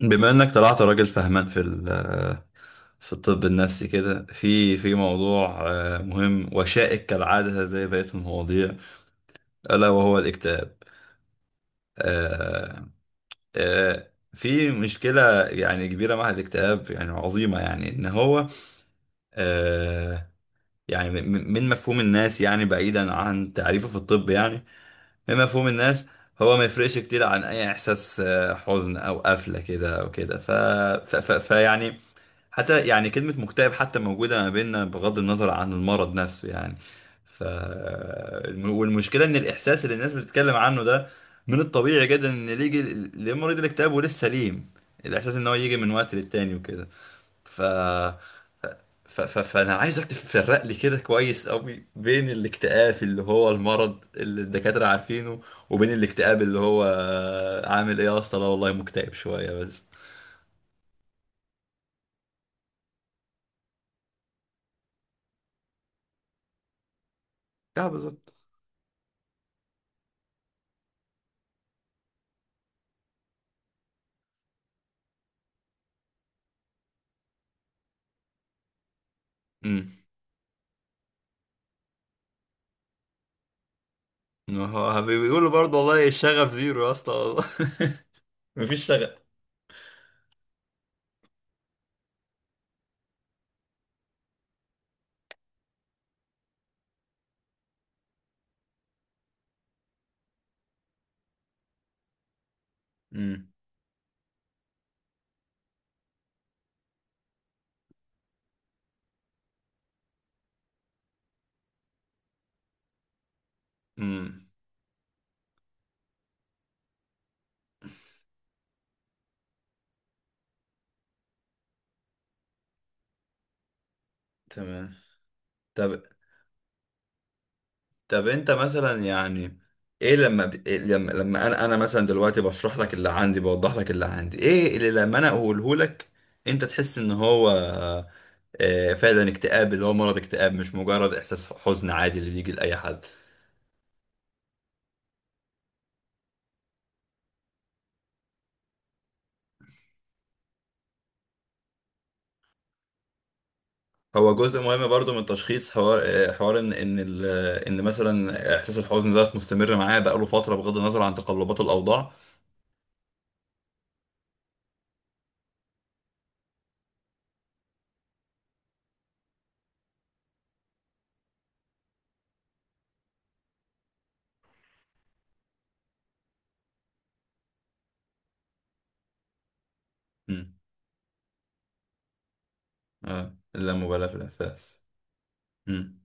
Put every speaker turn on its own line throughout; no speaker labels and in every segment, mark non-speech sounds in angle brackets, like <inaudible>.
بما انك طلعت راجل فهمان في في الطب النفسي كده، في موضوع مهم وشائك كالعادة زي بقية المواضيع، ألا وهو الاكتئاب. آه، في مشكلة يعني كبيرة مع الاكتئاب، يعني عظيمة، يعني إن هو آه، يعني من مفهوم الناس، يعني بعيدا عن تعريفه في الطب، يعني من مفهوم الناس، هو ما يفرقش كتير عن أي إحساس حزن أو قفلة كده أو كده. فيعني حتى يعني كلمة مكتئب حتى موجودة ما بيننا، بغض النظر عن المرض نفسه يعني. والمشكلة إن الإحساس اللي الناس بتتكلم عنه ده، من الطبيعي جدا إن اللي يجي لمريض الاكتئاب ولسه سليم، الإحساس إن هو يجي من وقت للتاني وكده. ف... فأنا عايزك تفرق لي كده كويس أوي، بين الاكتئاب اللي هو المرض اللي الدكاترة عارفينه، وبين الاكتئاب اللي هو عامل إيه يا اسطى، لا والله مكتئب شوية بس. اه، بالظبط. ما هو بيقولوا برضه، والله الشغف زيرو يا اسطى والله. <laughs> مفيش شغف. امم. امم. تمام. طب. انت مثلا يعني، إيه لما انا مثلا دلوقتي بشرح لك اللي عندي، بوضح لك اللي عندي، ايه اللي لما انا اقوله لك انت تحس ان هو فعلا اكتئاب، اللي هو مرض اكتئاب مش مجرد احساس حزن عادي اللي بيجي لاي حد؟ هو جزء مهم برضو من تشخيص، حوار ان ان مثلا احساس الحزن ده مستمر معاه بقاله فتره، بغض النظر عن تقلبات الاوضاع. امم. اه، اللامبالاه في الاحساس. امم.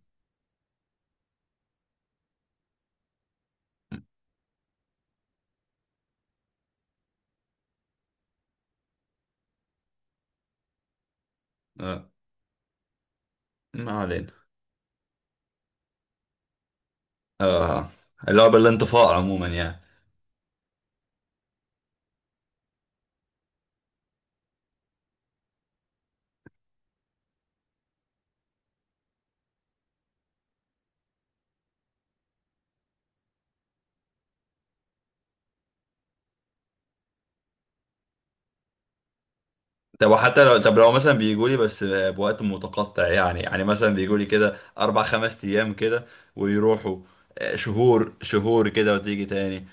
اه، ما علينا. اه، اللعبه الانطفاء عموما يعني. طب، وحتى لو، لو مثلا بيجوا لي بس بوقت متقطع، يعني مثلا بيجوا لي كده 4 5 ايام كده، ويروحوا، شهور شهور كده وتيجي تاني.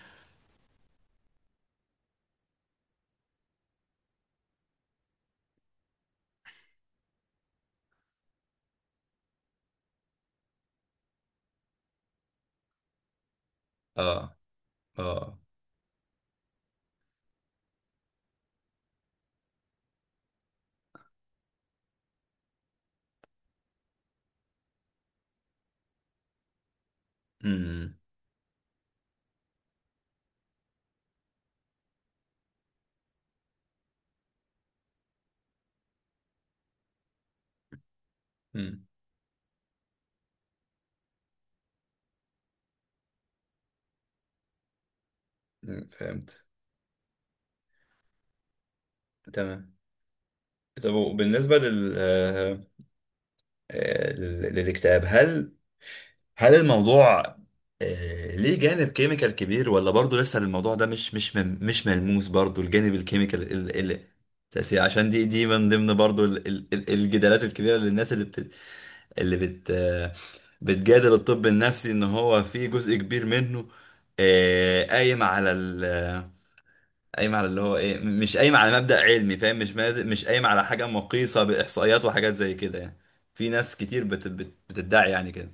اه. اه. امم. امم. فهمت. تمام. طب، وبالنسبة لل... آه، آه، لل- للاكتئاب، هل الموضوع ليه جانب كيميكال كبير، ولا برضه لسه الموضوع ده مش ملموس برضه، الجانب الكيميكال، التأثير، عشان دي من ضمن برضه الجدالات الكبيرة للناس، اللي بت اللي بت آه، بتجادل الطب النفسي ان هو في جزء كبير منه، قايم على قايم على اللي هو ايه، مش قايم على مبدأ علمي، فاهم؟ مش قايم على حاجة مقيسة بإحصائيات وحاجات زي كده يعني. في ناس كتير بتدعي يعني كده.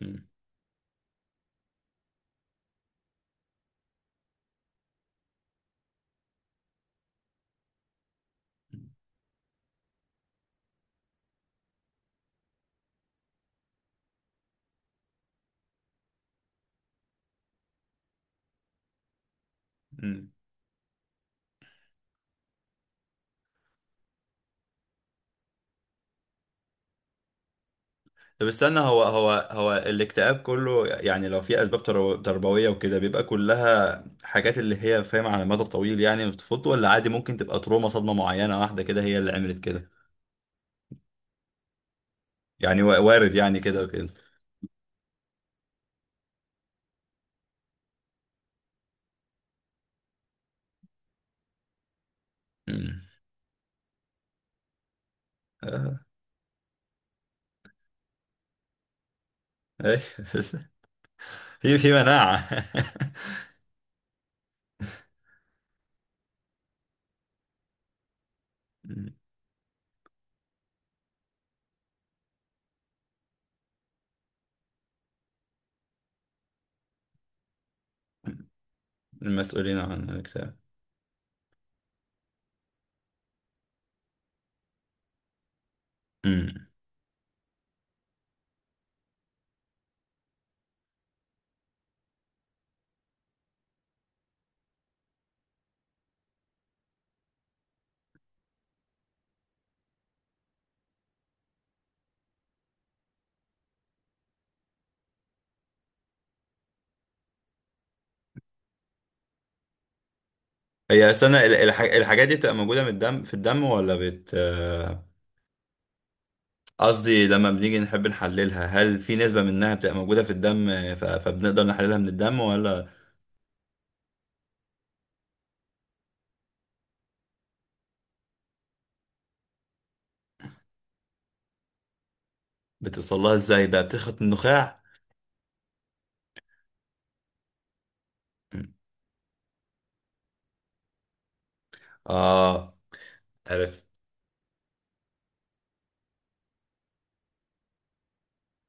مم. مم. طب استنى، هو الاكتئاب كله يعني، لو في أسباب تربوية وكده، بيبقى كلها حاجات اللي هي فاهم، على مدى طويل يعني في طفولته، ولا عادي ممكن تبقى تروما، صدمة معينة واحدة كده هي اللي عملت كده؟ يعني وارد يعني كده وكده. مم. آه. أيوة. <laughs> في مناعة. <laughs> مم. المسؤولين عن الاكتئاب. امم. هي السنة، الحاجات دي بتبقى موجودة من الدم في الدم، ولا بت، قصدي لما بنيجي نحب نحللها، هل في نسبة منها بتبقى موجودة في الدم، فبنقدر نحللها من الدم ولا؟ بتوصل لها ازاي بقى، بتخرج من النخاع؟ مم. اه، عرفت.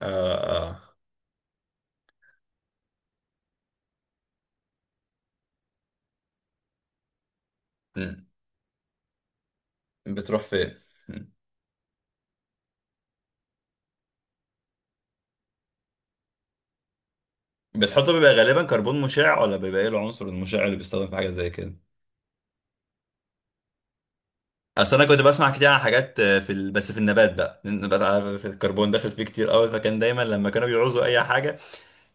اه. اه. مم. بتروح فين؟ مم. بتحطه بيبقى غالبا كربون مشع، ولا بيبقى ايه العنصر المشع اللي بيستخدم في حاجة زي كده؟ اصل انا كنت بسمع كتير عن حاجات بس في النبات بقى، النبات عارف الكربون داخل فيه كتير قوي، فكان دايما لما كانوا بيعوزوا اي حاجة،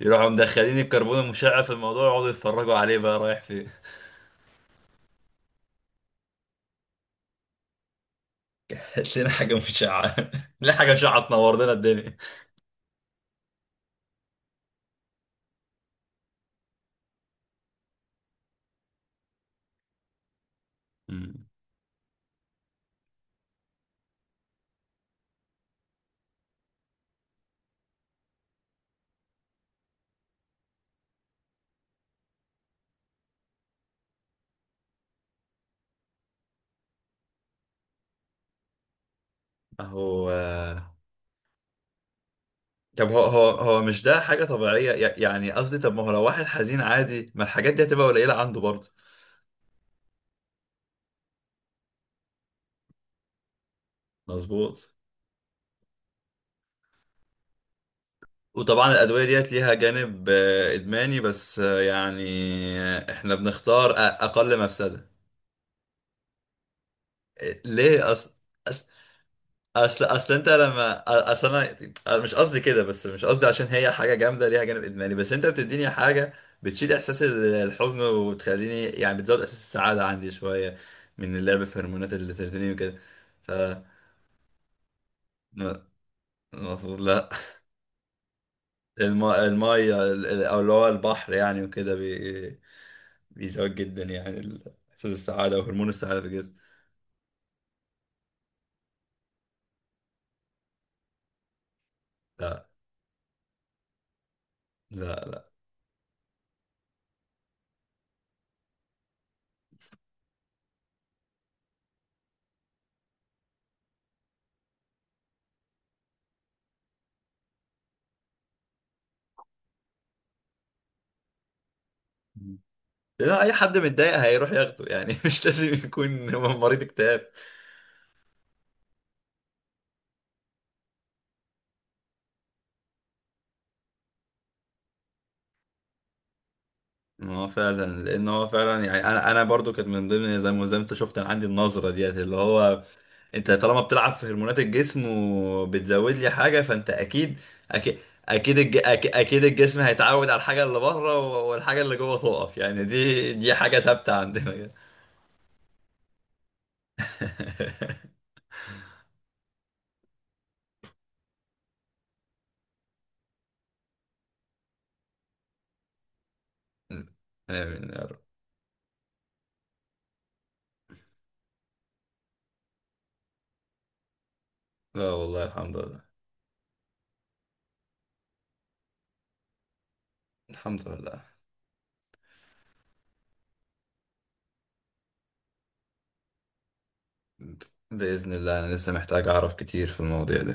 يروحوا مدخلين الكربون المشع في الموضوع يقعدوا يتفرجوا عليه بقى رايح فين. <laughs> هات لنا حاجة مشعة. <laughs> لا، حاجة مشعة تنور لنا الدنيا. مم. اهو. طب، هو مش ده حاجة طبيعية، يعني قصدي، طب ما هو لو واحد حزين عادي، ما الحاجات دي هتبقى قليلة عنده برضه؟ مظبوط. وطبعا الأدوية ديت ليها جانب إدماني بس، يعني إحنا بنختار أقل مفسدة. ليه أصلا؟ اصل انت لما اصل انا، أنا مش قصدي كده، بس مش قصدي عشان هي حاجه جامده ليها جانب ادماني، بس انت بتديني حاجه بتشيل احساس الحزن وتخليني، يعني بتزود احساس السعاده عندي شويه من اللعب في هرمونات السيروتونين وكده. ف م- مظبوط. لا. الميه، او اللي هو البحر يعني، وكده بيزود جدا يعني احساس السعاده وهرمون السعاده في الجسم. لا، لا. لأن اي حد متضايق هيروح ياخده يعني. <laughs> مش لازم يكون مريض اكتئاب. ما هو فعلا، لان هو فعلا يعني انا برضو كانت من ضمن، زي ما انت شفت، انا عندي النظره ديت اللي هو، انت طالما بتلعب في هرمونات الجسم وبتزود لي حاجه، فانت اكيد. اكيد، اكيد الجسم هيتعود على الحاجه اللي بره، والحاجه اللي جوه تقف يعني. دي حاجه ثابته عندنا كده. <laughs> امين يا رب. لا والله، الحمد لله. الحمد لله. باذن الله، انا لسه محتاج اعرف كتير في المواضيع دي.